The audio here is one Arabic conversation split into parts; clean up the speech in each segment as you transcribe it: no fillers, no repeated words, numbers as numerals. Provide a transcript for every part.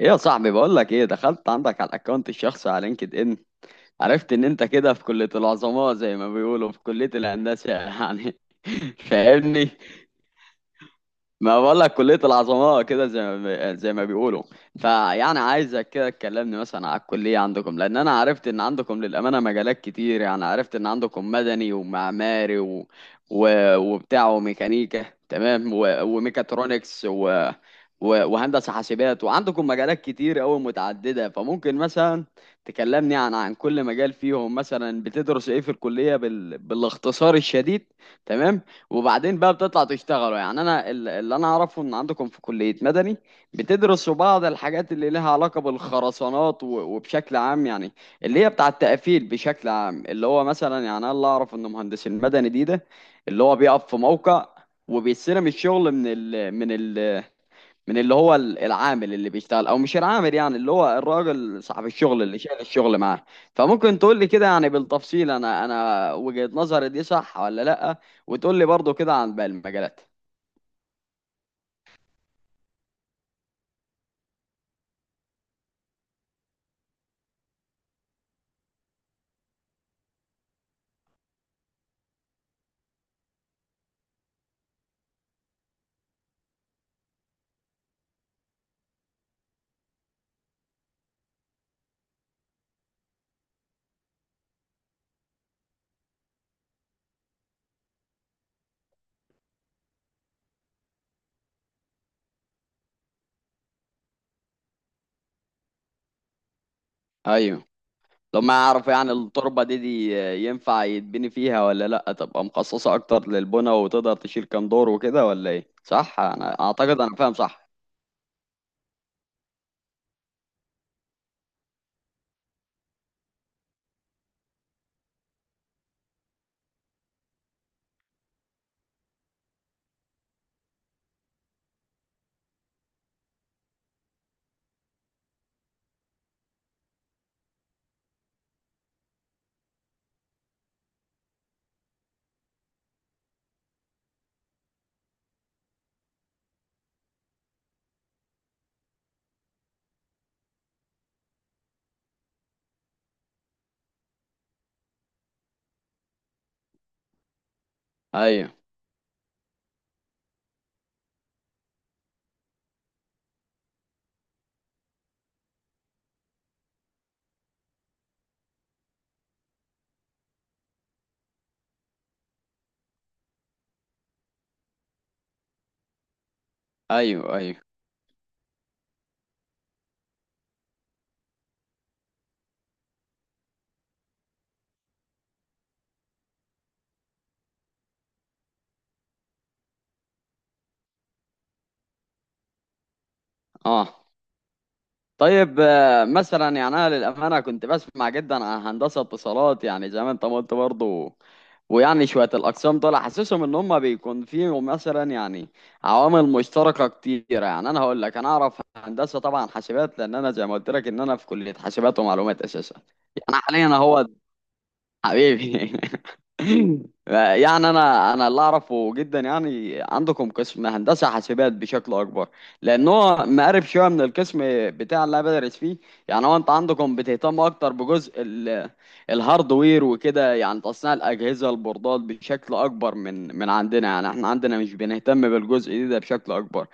ايه يا صاحبي، بقول لك ايه، دخلت عندك على الاكونت الشخصي على لينكد ان. عرفت ان انت كده في كلية العظماء زي ما بيقولوا، في كلية الهندسة يعني. فاهمني. ما بقول لك كلية العظماء كده زي ما بيقولوا. فيعني عايزك كده تكلمني مثلا على الكلية عندكم، لأن أنا عرفت إن عندكم للأمانة مجالات كتير. يعني عرفت إن عندكم مدني ومعماري و... و... وبتاع وميكانيكا، تمام، و... وميكاترونكس، و... و... وهندسة حاسبات، وعندكم مجالات كتير أوي متعددة. فممكن مثلا تكلمني عن كل مجال فيهم، مثلا بتدرس إيه في الكلية بال... بالاختصار الشديد، تمام. وبعدين بقى بتطلع تشتغلوا يعني. انا اللي انا اعرفه ان عندكم في كلية مدني بتدرسوا بعض الحاجات اللي لها علاقة بالخرسانات و- وبشكل عام يعني، اللي هي بتاع التقفيل بشكل عام، اللي هو مثلا يعني انا اللي اعرف ان مهندس المدني ده اللي هو بيقف في موقع وبيستلم الشغل من اللي هو العامل اللي بيشتغل، او مش العامل يعني، اللي هو الراجل صاحب الشغل اللي شايل الشغل معاه. فممكن تقول لي كده يعني بالتفصيل، انا وجهة نظري دي صح ولا لا، وتقول لي برضو كده عن باقي المجالات. ايوه. طب ما اعرف يعني التربة دي ينفع يتبني فيها ولا لا، تبقى مخصصة اكتر للبنى وتقدر تشيل كام دور وكده ولا ايه؟ صح؟ انا اعتقد انا فاهم صح. ايوه ايوه ايوه. اه. طيب مثلا يعني انا للامانه كنت بسمع جدا عن هندسه اتصالات، يعني زي ما انت ما قلت برضه. ويعني شويه الاقسام دول حاسسهم ان هم بيكون فيهم مثلا يعني عوامل مشتركه كتيره. يعني انا هقول لك، انا اعرف هندسه طبعا حاسبات لان انا زي ما قلت لك ان انا في كليه حاسبات ومعلومات اساسا يعني، حاليا اهو. حبيبي. يعني انا اللي اعرفه جدا يعني عندكم قسم هندسه حاسبات بشكل اكبر، لان هو مقارب شويه من القسم بتاع اللي انا بدرس فيه. يعني هو انت عندكم بتهتم اكتر بجزء الهاردوير وكده، يعني تصنيع الاجهزه البوردات بشكل اكبر من عندنا، يعني احنا عندنا مش بنهتم بالجزء ده بشكل اكبر.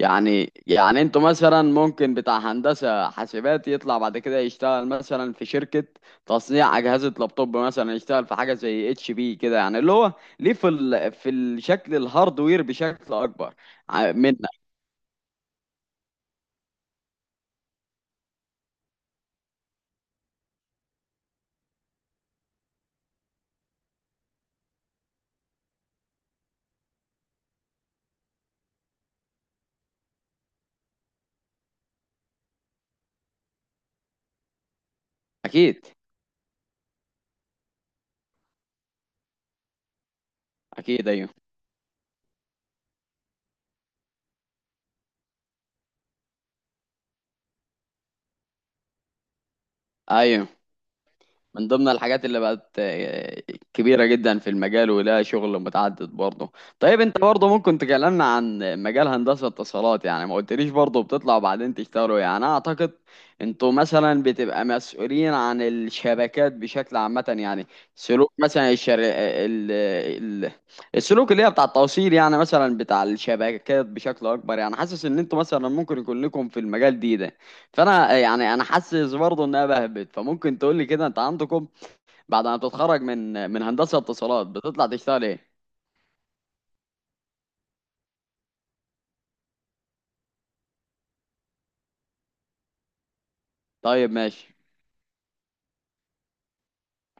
يعني انتوا مثلا ممكن بتاع هندسة حاسبات يطلع بعد كده يشتغل مثلا في شركة تصنيع أجهزة لابتوب، مثلا يشتغل في حاجة زي اتش بي كده، يعني اللي هو ليه في ال... في الشكل الهاردوير بشكل أكبر. منا. أكيد. أكيد أيوه. أيوه، من ضمن الحاجات اللي بقت كبيرة جدا في المجال ولها شغل متعدد برضه. طيب انت برضه ممكن تكلمنا عن مجال هندسة اتصالات؟ يعني ما قلتليش برضه بتطلع وبعدين تشتغلوا يعني. انا اعتقد انتوا مثلا بتبقى مسؤولين عن الشبكات بشكل عامة يعني، سلوك مثلا الشر... آه، ال... ال... السلوك اللي هي بتاع التوصيل، يعني مثلا بتاع الشبكات بشكل اكبر. يعني حاسس ان انتوا مثلا ممكن يكون لكم في المجال ده. فانا يعني انا حاسس برضه انها بهبت. فممكن تقول لي كده انت عندكم بعد ما بتتخرج من هندسه اتصالات بتطلع تشتغل ايه؟ طيب ماشي.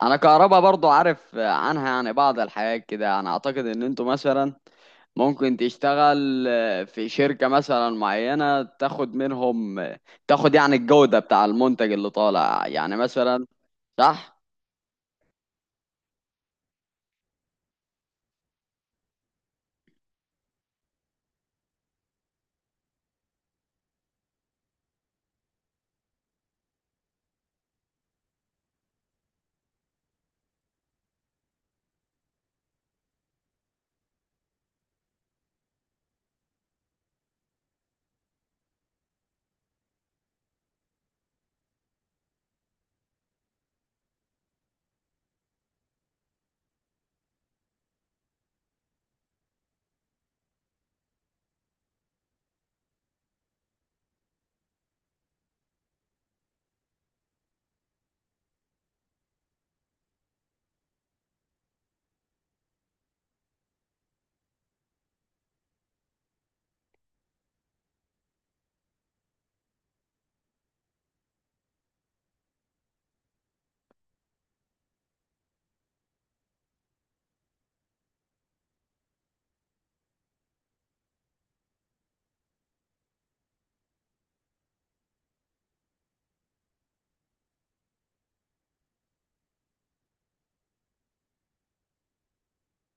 انا كهربا برضه عارف عنها يعني بعض الحاجات كده. انا اعتقد ان انتوا مثلا ممكن تشتغل في شركه مثلا معينه، تاخد منهم تاخد يعني الجوده بتاع المنتج اللي طالع يعني مثلا، صح؟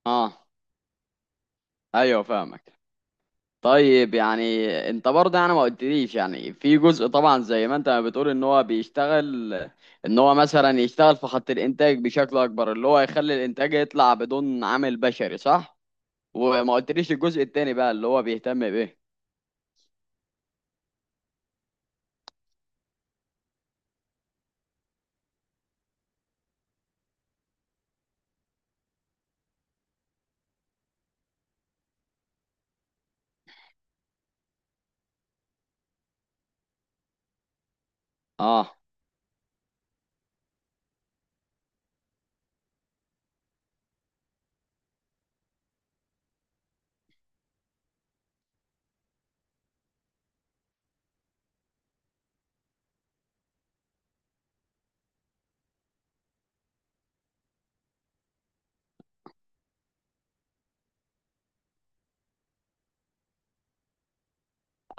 اه ايوه فاهمك. طيب يعني انت برضه يعني ما قلتليش يعني، في جزء طبعا زي ما انت ما بتقول ان هو بيشتغل، ان هو مثلا يشتغل في خط الانتاج بشكل اكبر، اللي هو يخلي الانتاج يطلع بدون عامل بشري، صح؟ وما قلتليش الجزء التاني بقى اللي هو بيهتم بايه. اه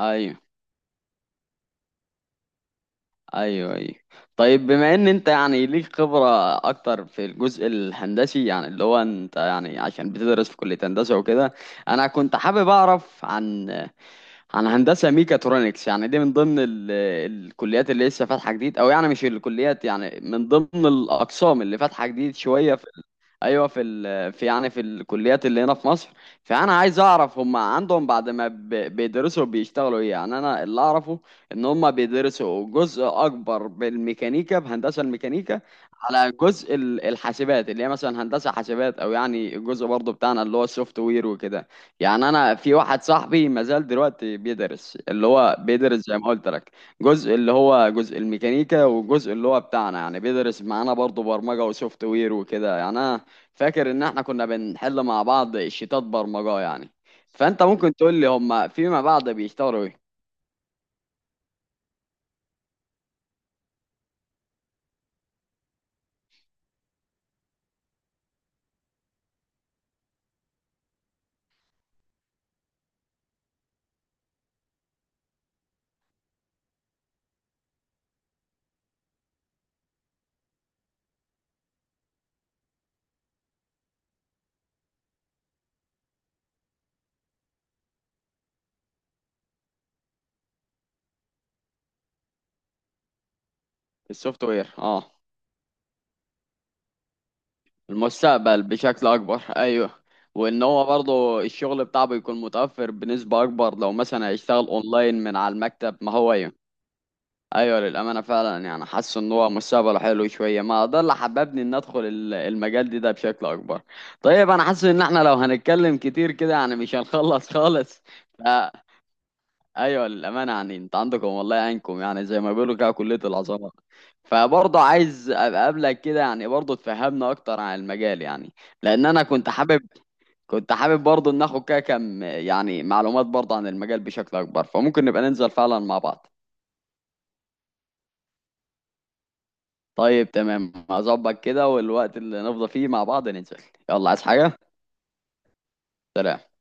ايوه ايوه ايوه. طيب بما ان انت يعني ليك خبرة اكتر في الجزء الهندسي، يعني اللي هو انت يعني عشان بتدرس في كلية هندسة وكده، انا كنت حابب اعرف عن عن هندسة ميكاترونكس، يعني دي من ضمن ال... الكليات اللي لسه فاتحة جديد، او يعني مش الكليات يعني، من ضمن الاقسام اللي فاتحة جديد شوية ايوه، في ال... في يعني في الكليات اللي هنا في مصر. فانا عايز اعرف هم عندهم بعد ما ب... بيدرسوا بيشتغلوا ايه؟ يعني انا اللي اعرفه ان هم بيدرسوا جزء اكبر بالميكانيكا، بهندسه الميكانيكا، على جزء الحاسبات اللي هي مثلا هندسه حاسبات، او يعني الجزء برضه بتاعنا اللي هو السوفت وير وكده. يعني انا في واحد صاحبي ما زال دلوقتي بيدرس، اللي هو بيدرس زي ما قلت لك جزء اللي هو جزء الميكانيكا وجزء اللي هو بتاعنا، يعني بيدرس معانا برضه برمجه وسوفت وير وكده. يعني انا فاكر ان احنا كنا بنحل مع بعض شيتات برمجة يعني. فانت ممكن تقول لي هما فيما بعد بيشتغلوا ايه؟ السوفت وير، اه. المستقبل بشكل اكبر، ايوه. وان هو برضه الشغل بتاعه بيكون متوفر بنسبة اكبر لو مثلا هيشتغل اونلاين من على المكتب، ما هو ايوه. ايوه للامانه فعلا، يعني حاسس ان هو مستقبله حلو شويه، ما ده اللي حببني ان ادخل المجال ده بشكل اكبر. طيب انا حاسس ان احنا لو هنتكلم كتير كده يعني مش هنخلص خالص. ايوه للامانه، يعني انت عندكم والله عينكم يعني زي ما بيقولوا كده كليه العظمه. فبرضه عايز ابقى قبلك كده يعني برضه تفهمنا اكتر عن المجال يعني، لان انا كنت حابب، كنت حابب برضه ناخد كده كم يعني معلومات برضه عن المجال بشكل اكبر، فممكن نبقى ننزل فعلا مع بعض. طيب تمام، هظبط كده، والوقت اللي نفضى فيه مع بعض ننزل. يلا، عايز حاجه؟ سلام.